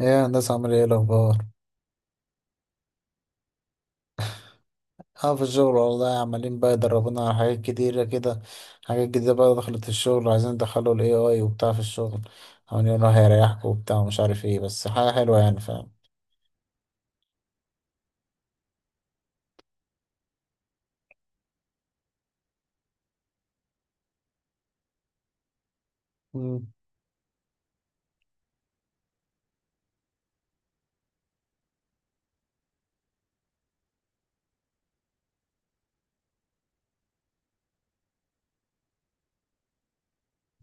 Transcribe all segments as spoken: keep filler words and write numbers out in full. ايه يا هندسة، عامل ايه الأخبار؟ اه، في الشغل والله، عمالين بقى يدربونا على حاجات كتيرة كده. حاجات جديدة بقى دخلت الشغل، عايزين ندخلوا ال إيه آي وبتاع في الشغل. عمالين يقولوا هيريحكوا وبتاع ومش عارف ايه، بس حاجة حلوة يعني. فاهم.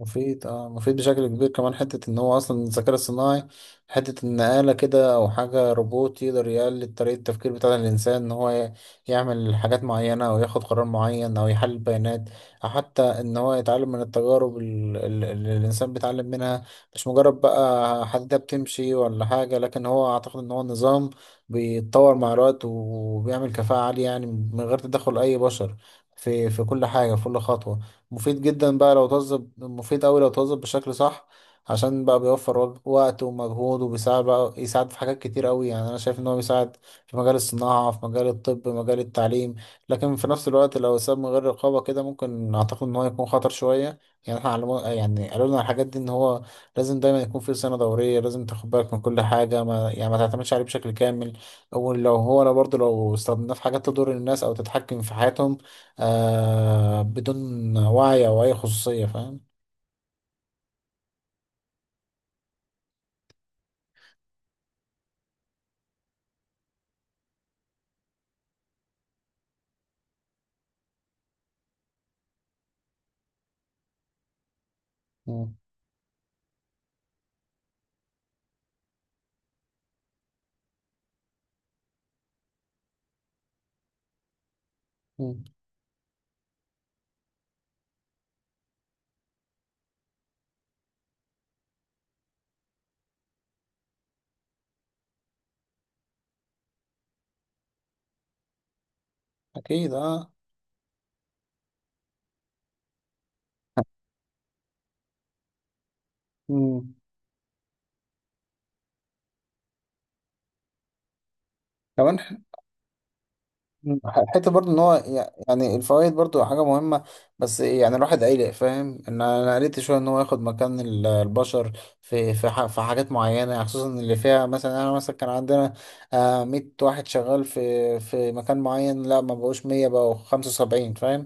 مفيد، اه مفيد بشكل كبير، كمان حتة ان هو اصلا الذكاء الصناعي، حتة ان آلة كده او حاجة روبوت يقدر يقلد طريقة التفكير بتاع الانسان، ان هو ي- يعمل حاجات معينة او ياخد قرار معين او يحلل بيانات، او حتى ان هو يتعلم من التجارب ال- ال- اللي الانسان بيتعلم منها. مش مجرد بقى حديدة بتمشي ولا حاجة، لكن هو اعتقد ان هو نظام بيتطور مع الوقت وبيعمل كفاءة عالية، يعني من غير تدخل اي بشر في في كل حاجة، في كل خطوة. مفيد جدا بقى لو توظف، مفيد أوي لو توظف بشكل صح، عشان بقى بيوفر وج- وقت ومجهود، وبيساعد بقى يساعد في حاجات كتير أوي، يعني أنا شايف إن هو بيساعد في مجال الصناعة، في مجال الطب، مجال التعليم. لكن في نفس الوقت لو اتساب من غير رقابة كده، ممكن أعتقد إن هو يكون خطر شوية. يعني احنا علمونا، يعني قالوا لنا الحاجات دي، إن هو لازم دايما يكون في سنة دورية، لازم تاخد بالك من كل حاجة، ما يعني ما تعتمدش عليه بشكل كامل. ولو هو لو برضه لو استخدمناه في حاجات تضر الناس أو تتحكم في حياتهم، آه، بدون وعي أو أي خصوصية، فاهم. مم. مم. أكيد، أه. مم. كمان. مم. حته برضو ان هو يع- يعني الفوائد برضو حاجه مهمه. بس يعني الواحد قلق، فاهم ان انا قلقت شويه ان هو ياخد مكان ال- البشر في في ح- في حاجات معينه، خصوصا اللي فيها، مثلا انا مثلا كان عندنا آه، مية واحد شغال في في مكان معين، لا ما بقوش مية، بقوا خمسة وسبعين، فاهم.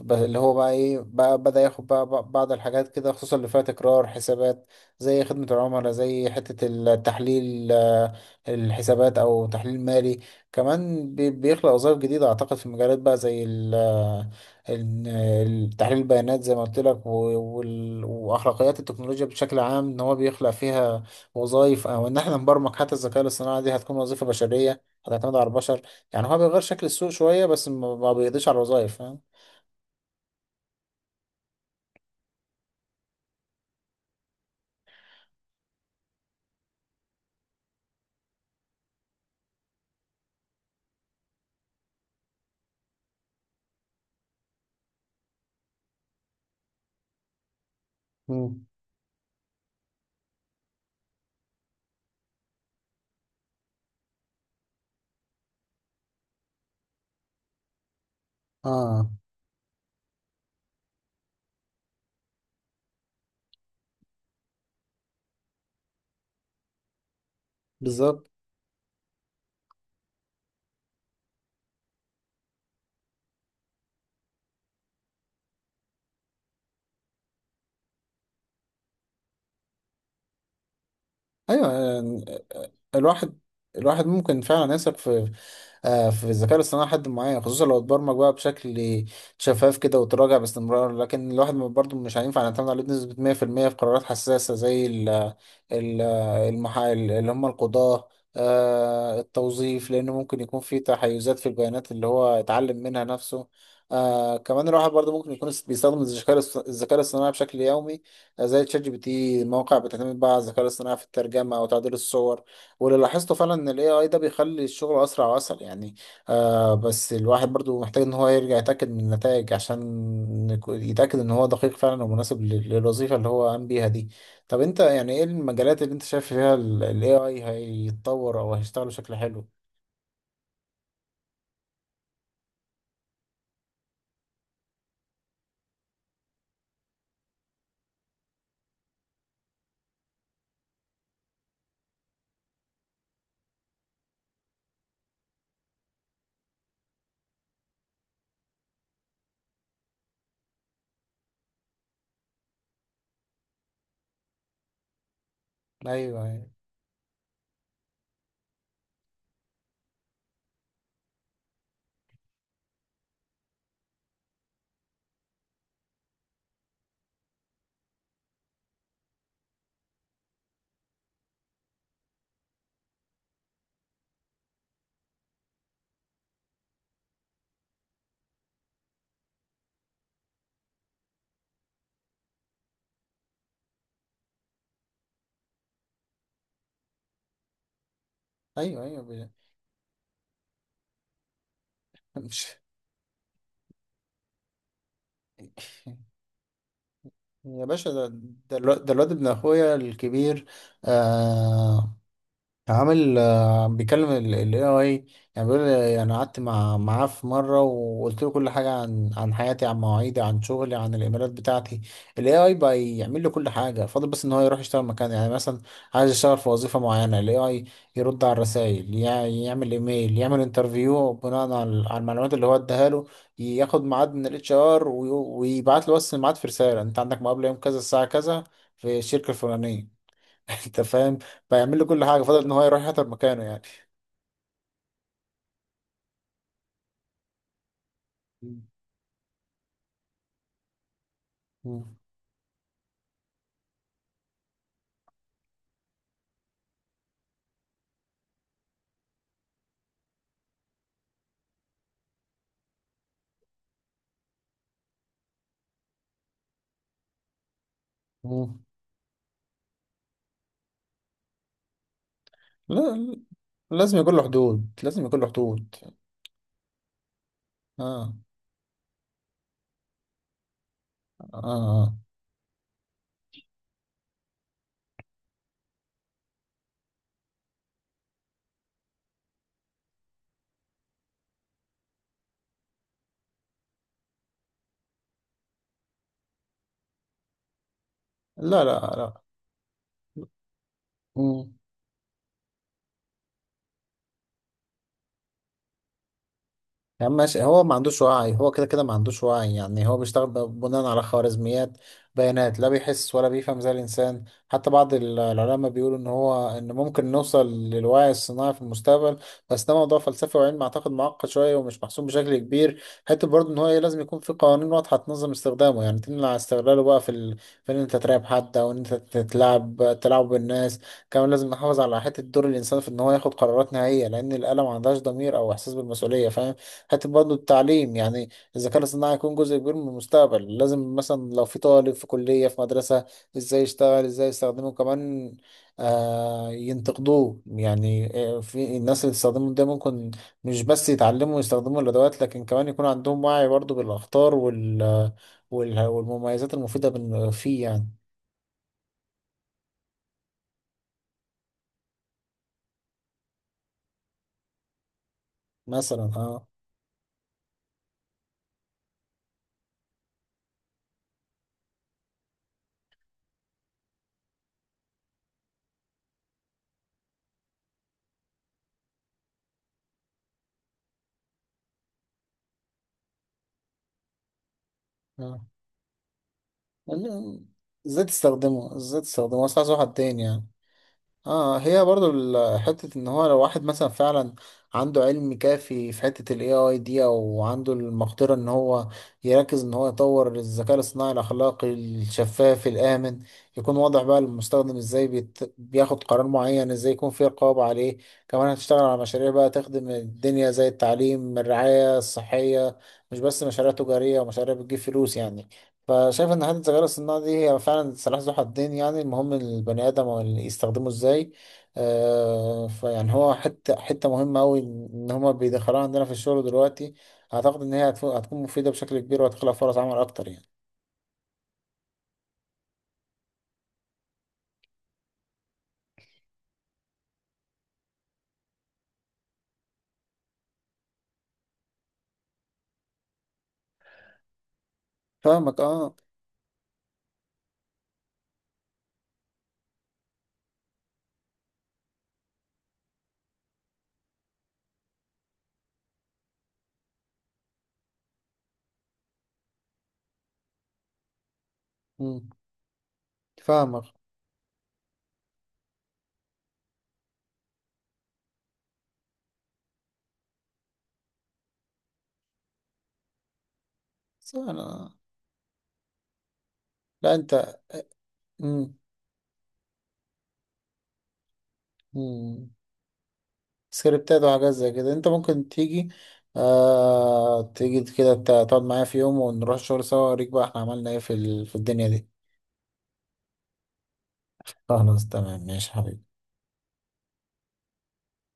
ب- اللي هو بقى ايه، بقى بدأ ياخد بقى ب- بعض الحاجات كده، خصوصا اللي فيها تكرار حسابات، زي خدمة العملاء، زي حتة التحليل، آه، الحسابات او تحليل مالي. كمان بي- بيخلق وظائف جديدة، أعتقد في مجالات بقى، زي ال ال- ال- تحليل البيانات زي ما قلت لك، و- وال- وأخلاقيات التكنولوجيا بشكل عام، إن هو بيخلق فيها وظائف، أو إن إحنا نبرمج حتى الذكاء الاصطناعي، دي هتكون وظيفة بشرية، هتعتمد على البشر. يعني هو بيغير شكل السوق شوية، بس ما ما بيقضيش على الوظائف، فاهم. مم. اه، بالظبط. ايوه يعني. الواحد، الواحد ممكن فعلا يثق في آه، في الذكاء الاصطناعي لحد معين، خصوصا لو اتبرمج بقى بشكل شفاف كده وتراجع باستمرار، لكن الواحد ما- برضه مش هينفع نعتمد عليه بنسبة مية في المية في المية في قرارات حساسة، زي ال ال المحا، اللي هم القضاة، آه، التوظيف، لأنه ممكن يكون في تحيزات في البيانات اللي هو اتعلم منها نفسه. آه كمان الواحد برضه ممكن يكون بيستخدم الذكاء الاصط- الذكاء الاصطناعي بشكل يومي، زي تشات جي بي تي، مواقع بتعتمد بقى على الذكاء الاصطناعي في الترجمه وتعديل الصور، واللي لاحظته فعلا ان الاي اي ده بيخلي الشغل اسرع واسهل يعني. آه بس الواحد برضو محتاج ان هو يرجع يتاكد من النتائج، عشان يكو- يتاكد ان هو دقيق فعلا ومناسب لل- للوظيفه اللي هو قام بيها دي. طب انت، يعني ايه المجالات اللي انت شايف فيها الاي اي هيتطور او هيشتغل بشكل حلو؟ ايوه، ايوه، ايوه، بي- مش. يا باشا، ده، ده الواد ده الواد ابن اخويا الكبير، آه. عامل، آه، بيكلم ال ال إيه آي. يعني بيقول لي انا قعدت مع معاه في مره، وقلت له كل حاجه عن عن حياتي، عن مواعيدي، عن شغلي، عن الايميلات بتاعتي. ال إيه آي بقى يعمل له كل حاجه، فاضل بس ان هو يروح يشتغل مكان، يعني مثلا عايز يشتغل في وظيفه معينه، ال إيه آي يرد على الرسائل، يعمل ايميل، يعمل انترفيو بناء على على المعلومات اللي هو اداها له، ياخد ميعاد من الاتش ار ويبعت له، بس الميعاد في رساله: انت عندك مقابله يوم كذا الساعه كذا في الشركه الفلانيه. انت فاهم. فيعمل لي كل حاجه، فضل ان هو يروح يحضر مكانه يعني. مم. مم. لا، لازم يكون له حدود، لازم يكون له حدود. اه. اه، آه. لا لا لا. مم. يا عم ماشي، هو ما عندوش وعي، هو كده كده ما عندوش وعي، يعني هو بيشتغل ب- بناء على خوارزميات، بيانات، لا بيحس ولا بيفهم زي الإنسان. حتى بعض ال- العلماء بيقولوا إن هو، إن ممكن نوصل للوعي الصناعي في المستقبل، بس ده موضوع فلسفي وعلم أعتقد معقد شوية ومش محسوم بشكل كبير. حتى برضه إن هو، إيه، لازم يكون في قوانين واضحة تنظم استخدامه، يعني تمنع استغلاله بقى في ال... في إن أنت تراقب حد، أو إن أنت تتلعب تلعب بالناس. كمان لازم نحافظ على حتة دور الإنسان في إن هو ياخد قرارات نهائية، لأن الآلة ما عندهاش ضمير أو إحساس بالمسؤولية، فاهم. حتة برضه التعليم يعني، الذكاء الاصطناعي هيكون جزء كبير من المستقبل، لازم مثلا لو في طالب في كلية في مدرسة، ازاي يشتغل، ازاي يستخدمه، كمان آه ينتقدوه يعني. آه، في الناس اللي تستخدمه ده، ممكن مش بس يتعلموا ويستخدموا الأدوات، لكن كمان يكون عندهم وعي برضه بالأخطار وال وال- والمميزات المفيدة بال- فيه يعني. مثلا، اه. اه. ازاي تستخدمه، ازاي تستخدمه اصلا، عايز واحد تاني يعني. اه، هي برضو ال- حتة ان هو لو واحد مثلا فعلا عنده علم كافي في حتة ال إيه آي دي، او عنده المقدرة ان هو يركز ان هو يطور الذكاء الاصطناعي الاخلاقي الشفاف الامن، يكون واضح بقى للمستخدم ازاي بيت... بياخد قرار معين، ازاي يكون في رقابة عليه، كمان هتشتغل على مشاريع بقى تخدم الدنيا، زي التعليم، الرعاية الصحية، مش بس مشاريع تجارية ومشاريع بتجيب فلوس يعني. فشايف ان حته الذكاء الصناعي دي هي فعلا سلاح ذو حدين، يعني المهم البني ادم واللي يستخدمه ازاي. آه، فيعني هو حته حته مهمه قوي ان هما بيدخلوها عندنا في الشغل دلوقتي، اعتقد ان هي هتف- هتكون مفيده بشكل كبير، وهتخلق فرص عمل اكتر يعني. فاهمك، اه. مم. فاهمك. بس أنا... لا انت. مم. مم. سكريبتات وحاجات زي كده، انت ممكن تيجي، آه تيجي كده، تقعد معايا في يوم ونروح الشغل سوا، اوريك بقى احنا عملنا ايه في ال... في الدنيا دي. خلاص تمام، ماشي حبيبي.